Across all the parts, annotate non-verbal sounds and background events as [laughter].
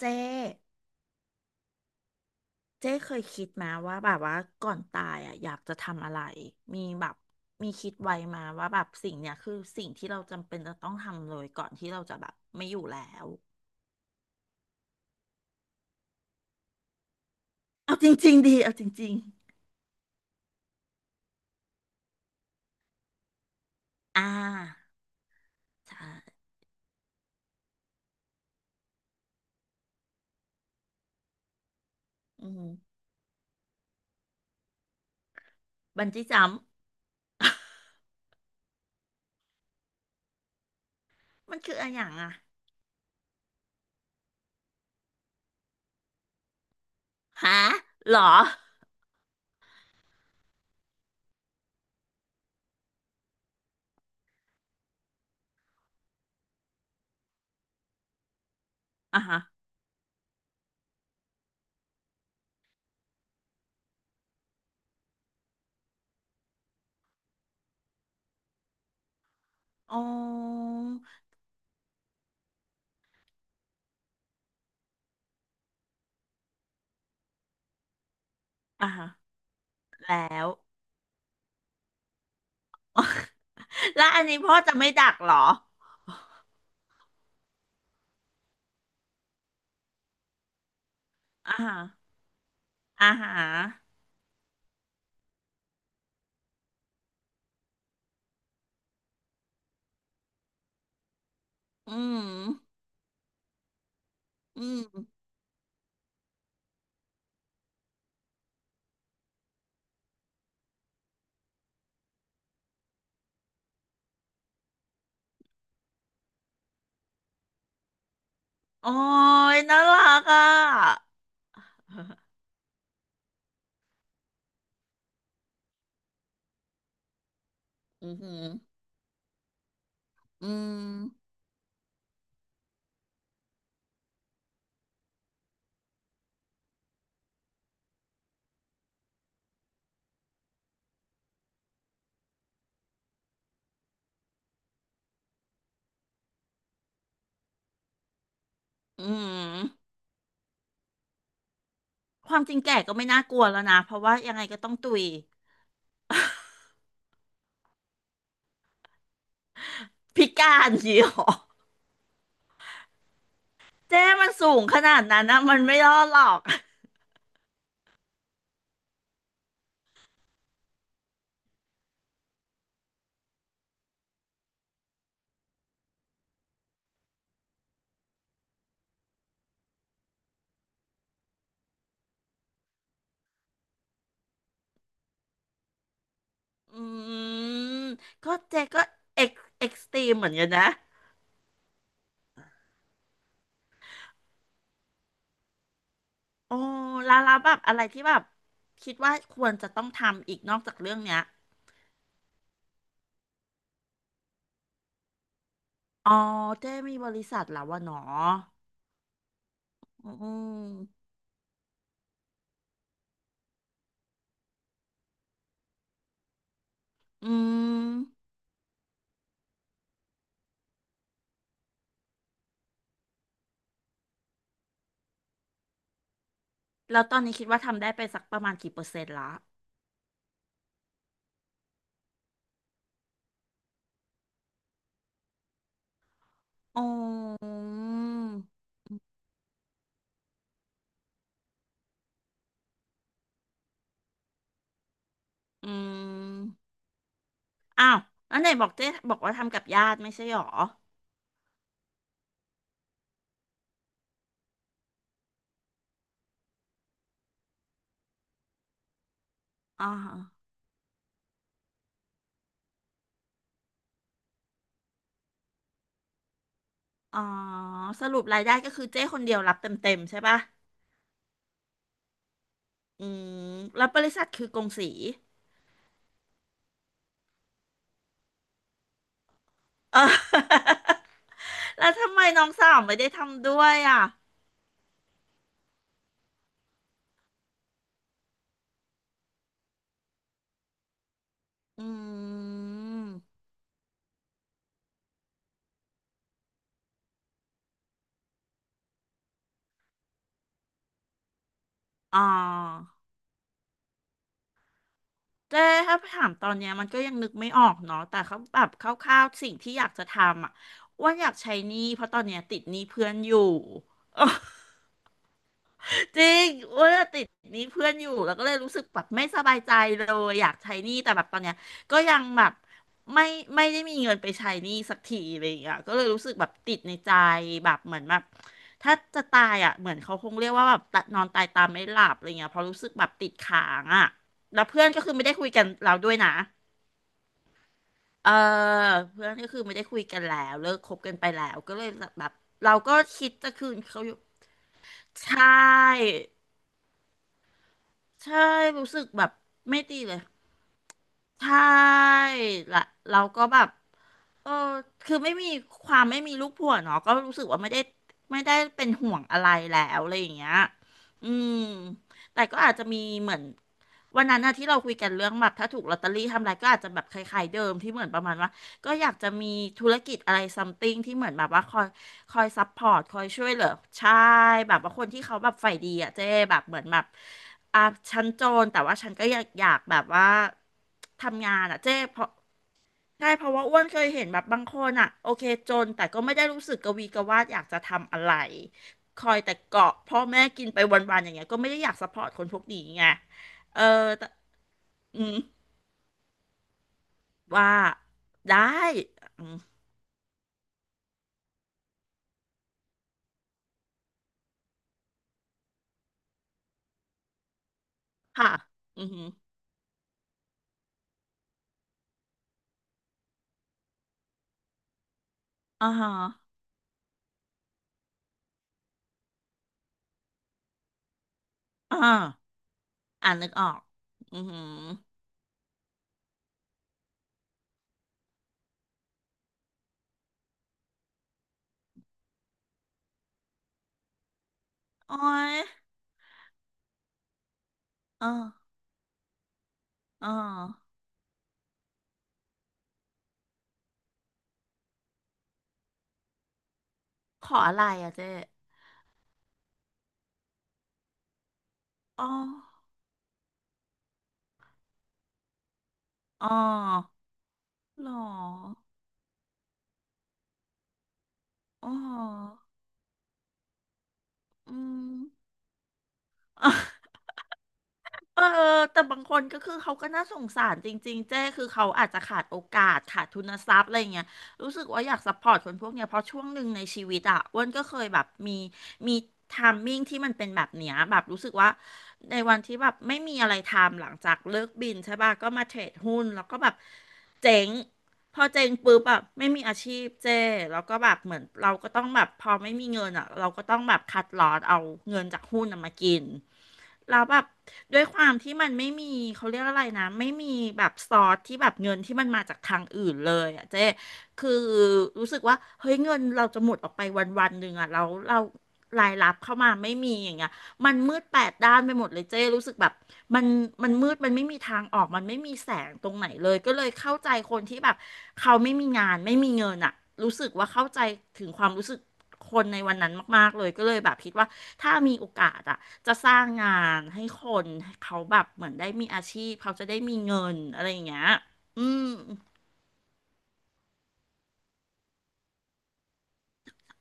เจ๊เจ๊เคยคิดมาว่าแบบว่าก่อนตายอ่ะอยากจะทำอะไรมีแบบมีคิดไว้มาว่าแบบสิ่งเนี้ยคือสิ่งที่เราจำเป็นจะต้องทำเลยก่อนที่เราจะแบบไม่อยู่แล้วเอาจริงๆดีเอาจริงๆอ่าใช่อืมบันจี้จัมพ์ [laughs] มันคืออะไรอย่างอ่ะฮะหรออ่ะฮะอ๋ออ่ะฮะแล้ว [laughs] แล้วอันนี้พ่อจะไม่ดักหรออ่ะฮะอ่ะฮะอืมอืม โอ้ยน่ารักอ่ะอือหืออืมอืมความจริงแก่ก็ไม่น่ากลัวแล้วนะเพราะว่ายังไงก็ต้องตุยพิการอย่างนี้หรอเจ๊มันสูงขนาดนั้นนะมันไม่รอดหรอกอืมก็เจ๊ก็เอ็กเอ็กซ์ตรีมเหมือนกันนะโอ้แล้วแล้วแบบอะไรที่แบบคิดว่าควรจะต้องทำอีกนอกจากเรื่องเนี้ยอ๋อเจ๊มีบริษัทแล้ววะเนาะอืมอืม แล้วตอนนี้คิดว่าทำได้ไปสักประมาณกี่เปอร์เซ็นต์ละอ๋ออืมอ้าว แล้วไหนบอกเจ๊บอกว่าทำกับญาติไม่ใช่หรออ๋ออ๋อสรุปรายได้ก็คือเจ๊คนเดียวรับเต็มๆใช่ปะอืมแล้วบริษัทคือกงสีเออ [laughs] แล้วทำไมน้องสาวไม่ได้ทำด้วยอ่ะอืมอ๋อ เจ๊ถ้าถามตอนเนี้ยมันก็ยังนึกไม่ออกเนาะแต่เขาแบบคร่าวๆสิ่งที่อยากจะทำอ่ะอ้ว่าอยากใช้หนี้เพราะตอนเนี้ยติดหนี้เพื่อนอยู่ [laughs] จริงอ้ว่าติดหนี้เพื่อนอยู่แล้วก็เลยรู้สึกแบบไม่สบายใจเลยอยากใช้หนี้แต่แบบตอนเนี้ยก็ยังแบบไม่ไม่ได้มีเงินไปใช้หนี้สักทีอะไรอย่างเงี้ยก็เลยรู้สึกแบบติดในใจแบบเหมือนแบบถ้าจะตายอ่ะเหมือนเขาคงเรียกว่าแบบตะนอนตายตามไม่หลับอะไรเงี้ยเพราะรู้สึกแบบติดค้างอ่ะแล้วเพื่อนก็คือไม่ได้คุยกันเราด้วยนะ เออเพื่อนก็คือไม่ได้คุยกันแล้วเลิกคบกันไปแล้วก็เลยแบบเราก็คิดจะคืนเขาอยู่ใช่ใช่รู้สึกแบบไม่ดีเลย ใช่ละเราก็แบบเออคือไม่มีความไม่มีลูกผัวเนาะก็รู้สึกว่าไม่ได้ไม่ได้เป็นห่วงอะไรแล้วอะไรอย่างเงี้ยอืมแต่ก็อาจจะมีเหมือนวันนั้นนะที่เราคุยกันเรื่องแบบถ้าถูกลอตเตอรี่ทำอะไรก็อาจจะแบบคล้ายๆเดิมที่เหมือนประมาณว่าก็อยากจะมีธุรกิจอะไรซัมติงที่เหมือนแบบว่าคอย คอยซัพพอร์ตคอยช่วยเหลือใช่แบบว่าคนที่เขาแบบฝ่ายดีอ่ะเจ๊แบบเหมือนแบบอ่ะฉันโจรแต่ว่าฉันก็อยากแบบว่าทำงานอ่ะเจ๊เพราะใช่เพราะว่าอ้วนเคยเห็นแบบบางคนอ่ะโอเคจนแต่ก็ไม่ได้รู้สึกกระวีกระวาดอยากจะทำอะไรคอยแต่เกาะพ่อแม่กินไปวันๆอย่างเงี้ยก็ไม่ได้อยากซัพพอร์ตคนพวกนี้ไงเออแต่อืมว่าได้อืมค่ะอือหืออ่าฮะอ่าอ่านึกออกอือหือ โอ้ยอ๋ออ๋อขออะไรอ่ะเจ๊อ๋ออ๋อหรออ๋ออืม เออแต่บางคนก็คือเขาก็น่าสงสารจริงๆเจ้คือเขาอาจจะขาดโอกาสขาดทุนทรัพย์อะไรเงี้ยรู้สึกว่าอยากซัพพอร์ตคนพวกเนี้ยเพราะช่วงหนึ่งในชีวิตอ่ะอ้วนก็เคยแบบมีมีไทามมิ่งที่มันเป็นแบบเนี้ยแบบรู้สึกว่าในวันที่แบบไม่มีอะไรทำหลังจากเลิกบินใช่ป่ะก็มาเทรดหุ้นแล้วก็แบบเจ๊งพอเจ๊งปุ๊บแบบไม่มีอาชีพเจ้แล้วก็แบบเหมือนเราก็ต้องแบบพอไม่มีเงินอ่ะเราก็ต้องแบบคัดลอสเอาเงินจากหุ้นน่ะมากิน แล้วแบบด้วยความที่มันไม่มีเขาเรียกอะไรนะไม่มีแบบซอสที่แบบเงินที่มันมาจากทางอื่นเลยอ่ะเจ๊คือรู้สึกว่าเฮ้ยเงินเราจะหมดออกไปวันวันหนึ่งอ่ะแล้วเรารายรับเข้ามาไม่มีอย่างเงี้ย มันมืดแปดด้านไปหมดเลยเจ้รู้สึกแบบมันมันมืดมันไม่มีทางออกมันไม่มีแสงตรงไหนเลยก็เลยเข้าใจคนที่แบบเขาไม่มีงานไม่มีเงินอะรู้สึกว่าเข้าใจถึงความรู้สึกคนในวันนั้นมากๆเลยก็เลยแบบคิดว่าถ้ามีโอกาสอะจะสร้างงานให้คนให้เขาแบบเหมือนได้มีอาชีพเขาจะได้มีเงินอะไรอย่างเงี้ยอืม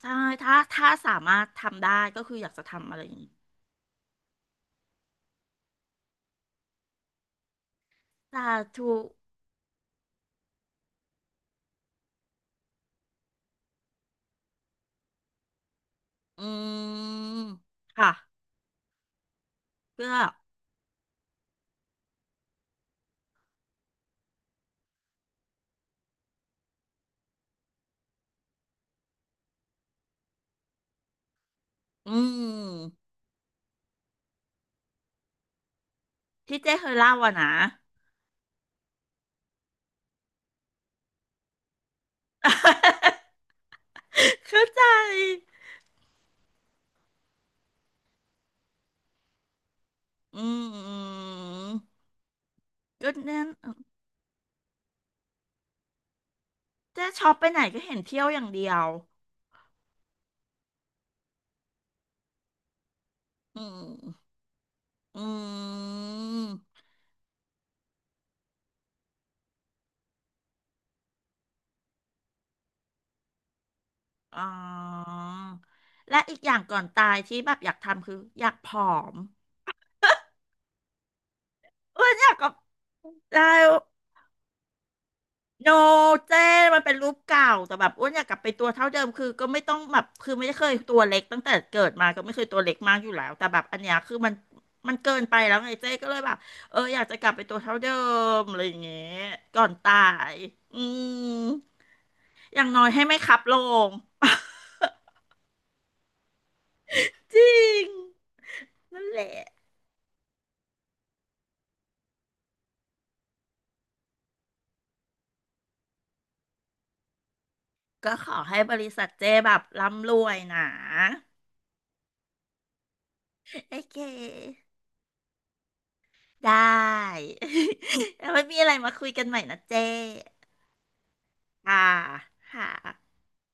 ใช่ถ้าสามารถทำได้ก็คืออยากจะทำอะไรอย่างนี้สาธุอืมค่ะเพื่อ อืมที่เจ้เคยเล่าอะนะ [laughs] เข้าใจอืมก็เนี่ยเจ๊ชอบไปไหนก็เห็นเที่ยวอย่างเดียวอืมอืมอ๋อและอีกอย่างก่อนตายที่แบบอยากทำคืออยากผอมเอออยากกับได้ โนเจ้มันเป็นรูปเก่าแต่แบบอ้วนอยากกลับไปตัวเท่าเดิมคือก็ไม่ต้องแบบคือไม่เคยตัวเล็กตั้งแต่เกิดมาก็ไม่เคยตัวเล็กมากอยู่แล้วแต่แบบอันเนี้ยคือมันมันเกินไปแล้วไงเจ้ก็เลยแบบเอออยากจะกลับไปตัวเท่าเดิมอะไรอย่างเงี้ยก่อนตาย [laughs] อืมอย่างน้อยให้ไม่ขับลง [laughs] จริงนั่นแหละก็ขอให้บริษัทเจ้แบบร่ำรวยนะ [laughs] โอเคได้ [laughs] แล้วไม่มีอะไรมาคุยกันใหม่นะเจ้ อ่าค่ะ